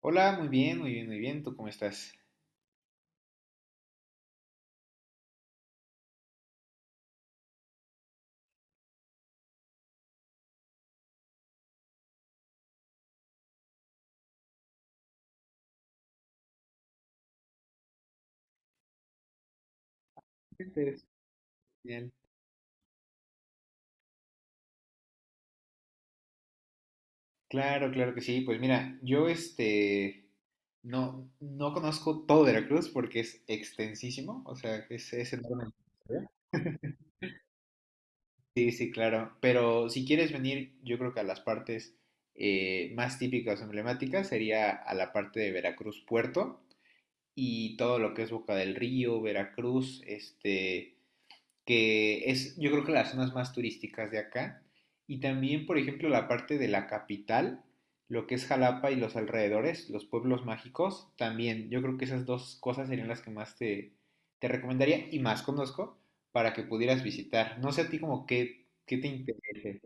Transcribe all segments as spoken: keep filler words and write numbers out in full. Hola, muy bien, muy bien, muy bien. ¿Tú cómo estás? Entonces, Bien. Claro, claro que sí. Pues mira, yo este no, no conozco todo Veracruz porque es extensísimo, o sea, es, es enorme. Sí, sí, claro. Pero si quieres venir, yo creo que a las partes eh, más típicas o emblemáticas sería a la parte de Veracruz Puerto y todo lo que es Boca del Río, Veracruz, este, que es, yo creo que, las zonas más turísticas de acá. Y también, por ejemplo, la parte de la capital, lo que es Jalapa y los alrededores, los pueblos mágicos, también yo creo que esas dos cosas serían las que más te, te recomendaría y más conozco para que pudieras visitar. No sé a ti como qué, qué te interese.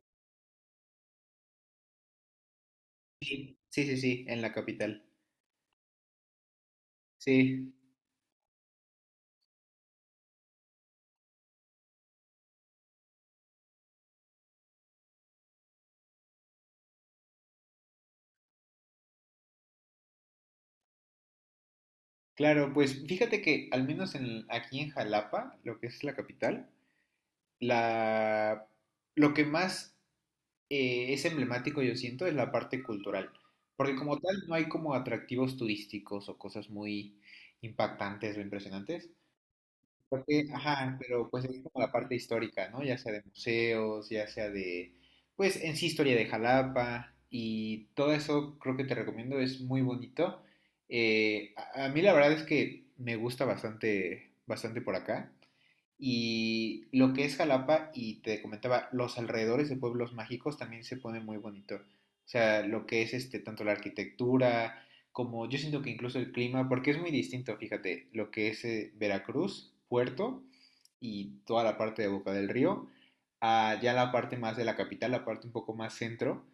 Sí, sí, sí, en la capital. Sí, claro, pues fíjate que al menos en, aquí en Jalapa, lo que es la capital, la, lo que más eh, es emblemático, yo siento, es la parte cultural. Porque como tal no hay como atractivos turísticos o cosas muy impactantes o impresionantes. Porque, ajá, pero pues es como la parte histórica, ¿no? Ya sea de museos, ya sea de, pues en sí historia de Jalapa y todo eso, creo que te recomiendo, es muy bonito. Eh, a, a mí la verdad es que me gusta bastante, bastante por acá. Y lo que es Jalapa, y te comentaba, los alrededores de pueblos mágicos también se pone muy bonito. O sea, lo que es este, tanto la arquitectura, como yo siento que incluso el clima, porque es muy distinto, fíjate, lo que es eh, Veracruz Puerto y toda la parte de Boca del Río, a ya la parte más de la capital, la parte un poco más centro,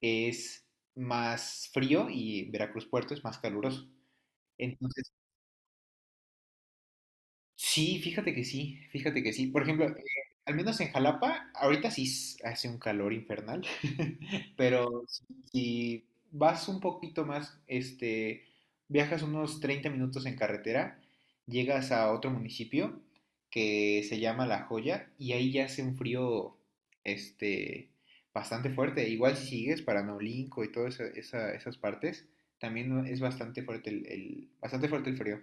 es más frío, y Veracruz Puerto es más caluroso. Entonces, Sí, fíjate que sí, fíjate que sí. Por ejemplo, eh, al menos en Jalapa, ahorita sí s- hace un calor infernal, pero si, si vas un poquito más, este, viajas unos treinta minutos en carretera, llegas a otro municipio que se llama La Joya y ahí ya hace un frío, este, bastante fuerte. Igual si sigues para Naolinco y todas esa- esa- esas partes, también es bastante fuerte el, el- bastante fuerte el frío.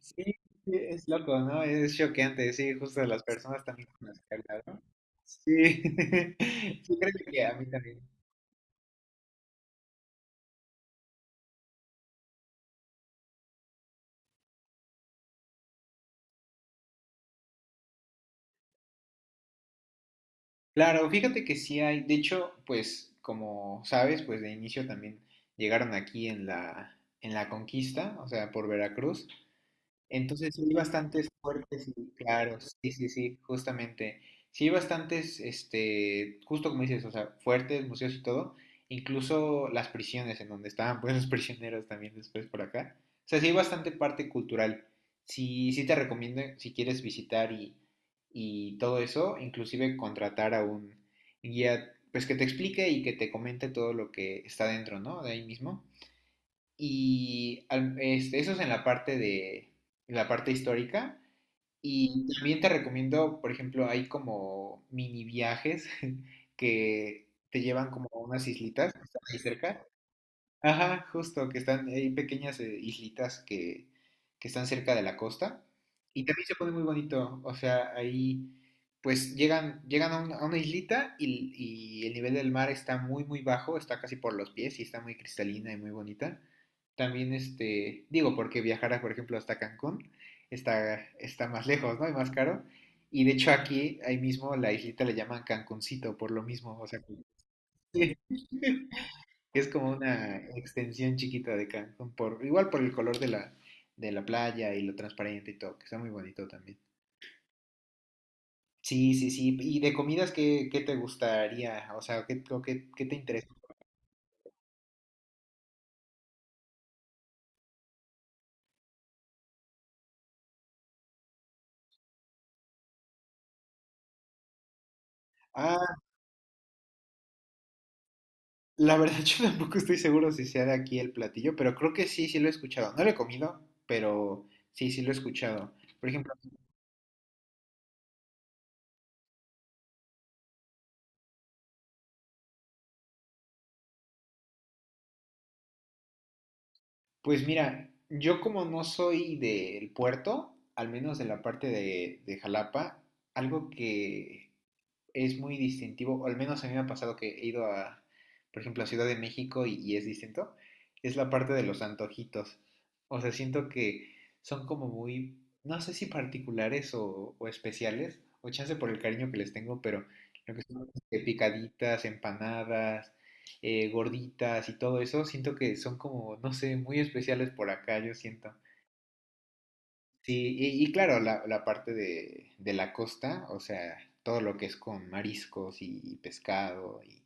Sí, sí, es loco, ¿no? Es choqueante, sí, justo las personas también con las que he hablado. Sí, sí, creo que a mí también. Claro, fíjate que sí hay, de hecho, pues como sabes, pues de inicio también llegaron aquí en la, en la conquista, o sea, por Veracruz. Entonces sí hay bastantes fuertes y claros, sí, sí, sí, justamente. Sí hay bastantes, este, justo como dices, o sea, fuertes, museos y todo, incluso las prisiones en donde estaban pues los prisioneros también después por acá. O sea, sí hay bastante parte cultural. Sí, sí te recomiendo si quieres visitar y, y todo eso, inclusive contratar a un guía, pues que te explique y que te comente todo lo que está dentro, ¿no? De ahí mismo. Y al- este, eso es en la parte de, en la parte histórica. Y también te recomiendo, por ejemplo, hay como mini viajes que te llevan como a unas islitas que están ahí cerca. Ajá, Justo, que están, eh, hay pequeñas eh, islitas que, que están cerca de la costa. Y también se pone muy bonito, o sea, ahí pues llegan, llegan a, un- a una islita, y, y el nivel del mar está muy, muy bajo, está casi por los pies y está muy cristalina y muy bonita. También, este, digo, porque viajar, por ejemplo, hasta Cancún está, está más lejos, ¿no? Y más caro. Y de hecho aquí, ahí mismo, la islita le llaman Cancuncito por lo mismo, o sea, que- es como una extensión chiquita de Cancún, por, igual por el color de la, de la playa y lo transparente y todo, que está muy bonito también. Sí, sí, sí. ¿Y de comidas qué, qué te gustaría? O sea, ¿qué, o qué, qué te interesa? Ah, la verdad, yo tampoco estoy seguro si sea de aquí el platillo, pero creo que sí, sí lo he escuchado. No lo he comido, pero sí, sí lo he escuchado. Por ejemplo, Pues mira, yo como no soy del puerto, al menos de la parte de, de Jalapa, algo que es muy distintivo, o al menos a mí me ha pasado que he ido a, por ejemplo, a Ciudad de México, y, y es distinto, es la parte de los antojitos. O sea, siento que son como muy, no sé si particulares o, o especiales, o chance por el cariño que les tengo, pero lo que son este, picaditas, empanadas, eh, gorditas y todo eso, siento que son como, no sé, muy especiales por acá, yo siento. Sí, y, y claro, la, la parte de, de la costa, o sea, todo lo que es con mariscos y, y pescado. Y...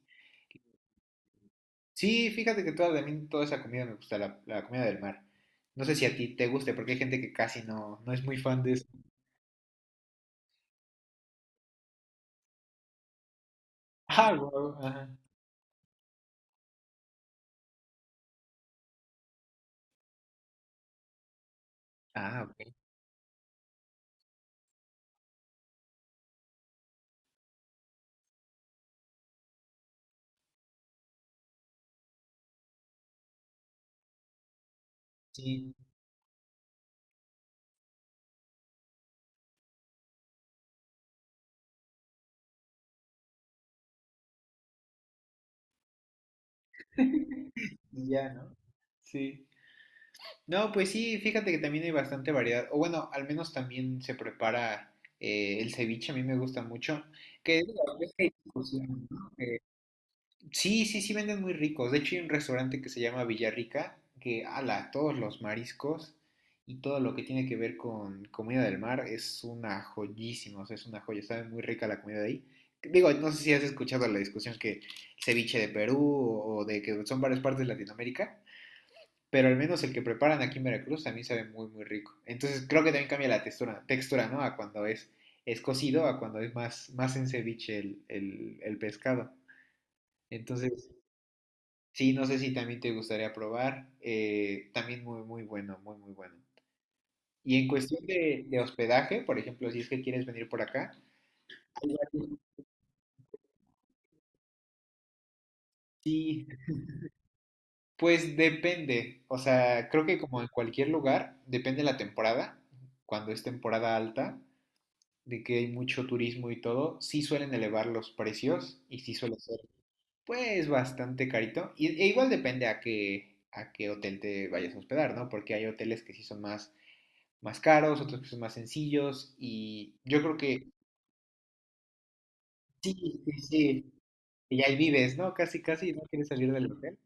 Sí, fíjate que toda, también toda esa comida me gusta, la, la comida del mar. No sé si a ti te guste, porque hay gente que casi no, no es muy fan de eso. Ah, wow, ajá. Ah, ok. Sí, y ya, ¿no? Sí. No, pues sí, fíjate que también hay bastante variedad. O bueno, al menos también se prepara eh, el ceviche, a mí me gusta mucho. Que es, la verdad es que hay discusión, ¿no? Eh, sí, sí, sí venden muy ricos. De hecho, hay un restaurante que se llama Villarrica, que ala, todos los mariscos y todo lo que tiene que ver con comida del mar es una joyísima, o sea, es una joya, sabe muy rica la comida de ahí. Digo, no sé si has escuchado la discusión que ceviche de Perú o o de que son varias partes de Latinoamérica, pero al menos el que preparan aquí en Veracruz también sabe muy, muy rico. Entonces creo que también cambia la textura, textura, ¿no? A cuando es, es cocido, a cuando es más, más en ceviche el, el, el pescado. Entonces, sí, no sé si también te gustaría probar. Eh, también muy, muy bueno, muy, muy bueno. Y en cuestión de, de hospedaje, por ejemplo, si es que quieres venir por acá, hay varios- y, pues depende, o sea, creo que como en cualquier lugar, depende la temporada. Cuando es temporada alta, de que hay mucho turismo y todo, sí suelen elevar los precios, y sí suele ser pues bastante carito. Y, e igual depende a qué, a qué hotel te vayas a hospedar, ¿no? Porque hay hoteles que sí son más, más caros, otros que son más sencillos, y yo creo que sí, sí, sí, y ahí vives, ¿no? Casi, casi no quieres salir del hotel.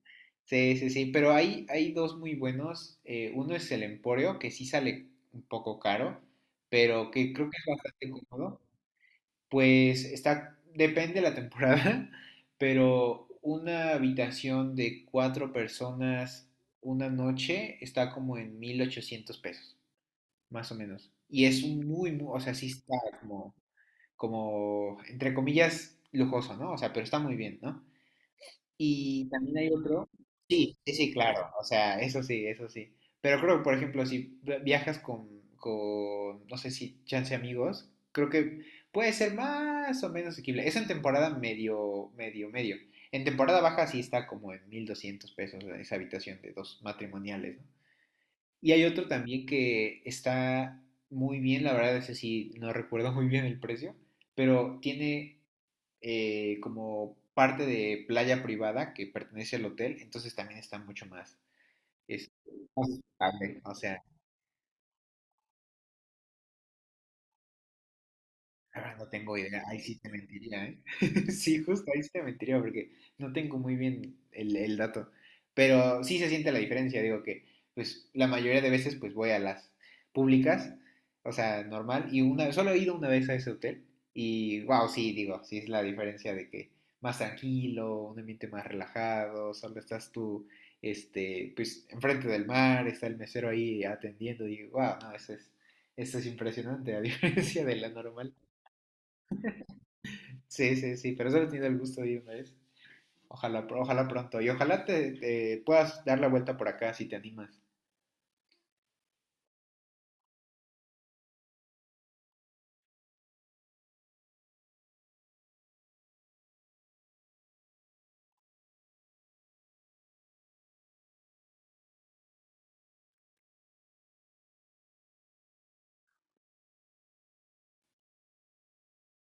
Sí, sí, sí, pero hay, hay dos muy buenos. Eh, uno es el Emporio, que sí sale un poco caro, pero que creo que es bastante cómodo. Pues está, depende de la temporada, pero una habitación de cuatro personas una noche está como en mil ochocientos pesos, más o menos. Y es un muy, muy, o sea, sí está como, como, entre comillas, lujoso, ¿no? O sea, pero está muy bien, ¿no? Y también hay otro. Sí, sí, sí, claro. O sea, eso sí, eso sí. Pero creo que, por ejemplo, si vi- viajas con, con, no sé si chance amigos, creo que puede ser más o menos asequible. Es en temporada medio, medio, medio. En temporada baja sí está como en mil doscientos pesos esa habitación de dos matrimoniales, ¿no? Y hay otro también que está muy bien, la verdad, ese sí no recuerdo muy bien el precio, pero tiene eh, como parte de playa privada que pertenece al hotel, entonces también está mucho más, es más estable, o sea, la verdad no tengo idea, ahí sí te mentiría, ¿eh? Sí, justo ahí sí te mentiría porque no tengo muy bien el, el dato. Pero sí se siente la diferencia, digo que pues la mayoría de veces pues voy a las públicas, o sea, normal, y una solo he ido una vez a ese hotel, y wow, sí, digo, sí es la diferencia de que más tranquilo, un ambiente más relajado, solo estás tú, este, pues enfrente del mar, está el mesero ahí atendiendo, y wow, no, eso es, eso es impresionante, a diferencia de la normal. Sí, sí, sí, pero solo he tenido el gusto de ir una vez. Ojalá, pr- ojalá pronto. Y ojalá te, te puedas dar la vuelta por acá si te animas.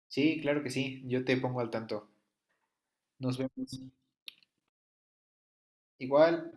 Sí, claro que sí. Yo te pongo al tanto. Nos vemos. Igual.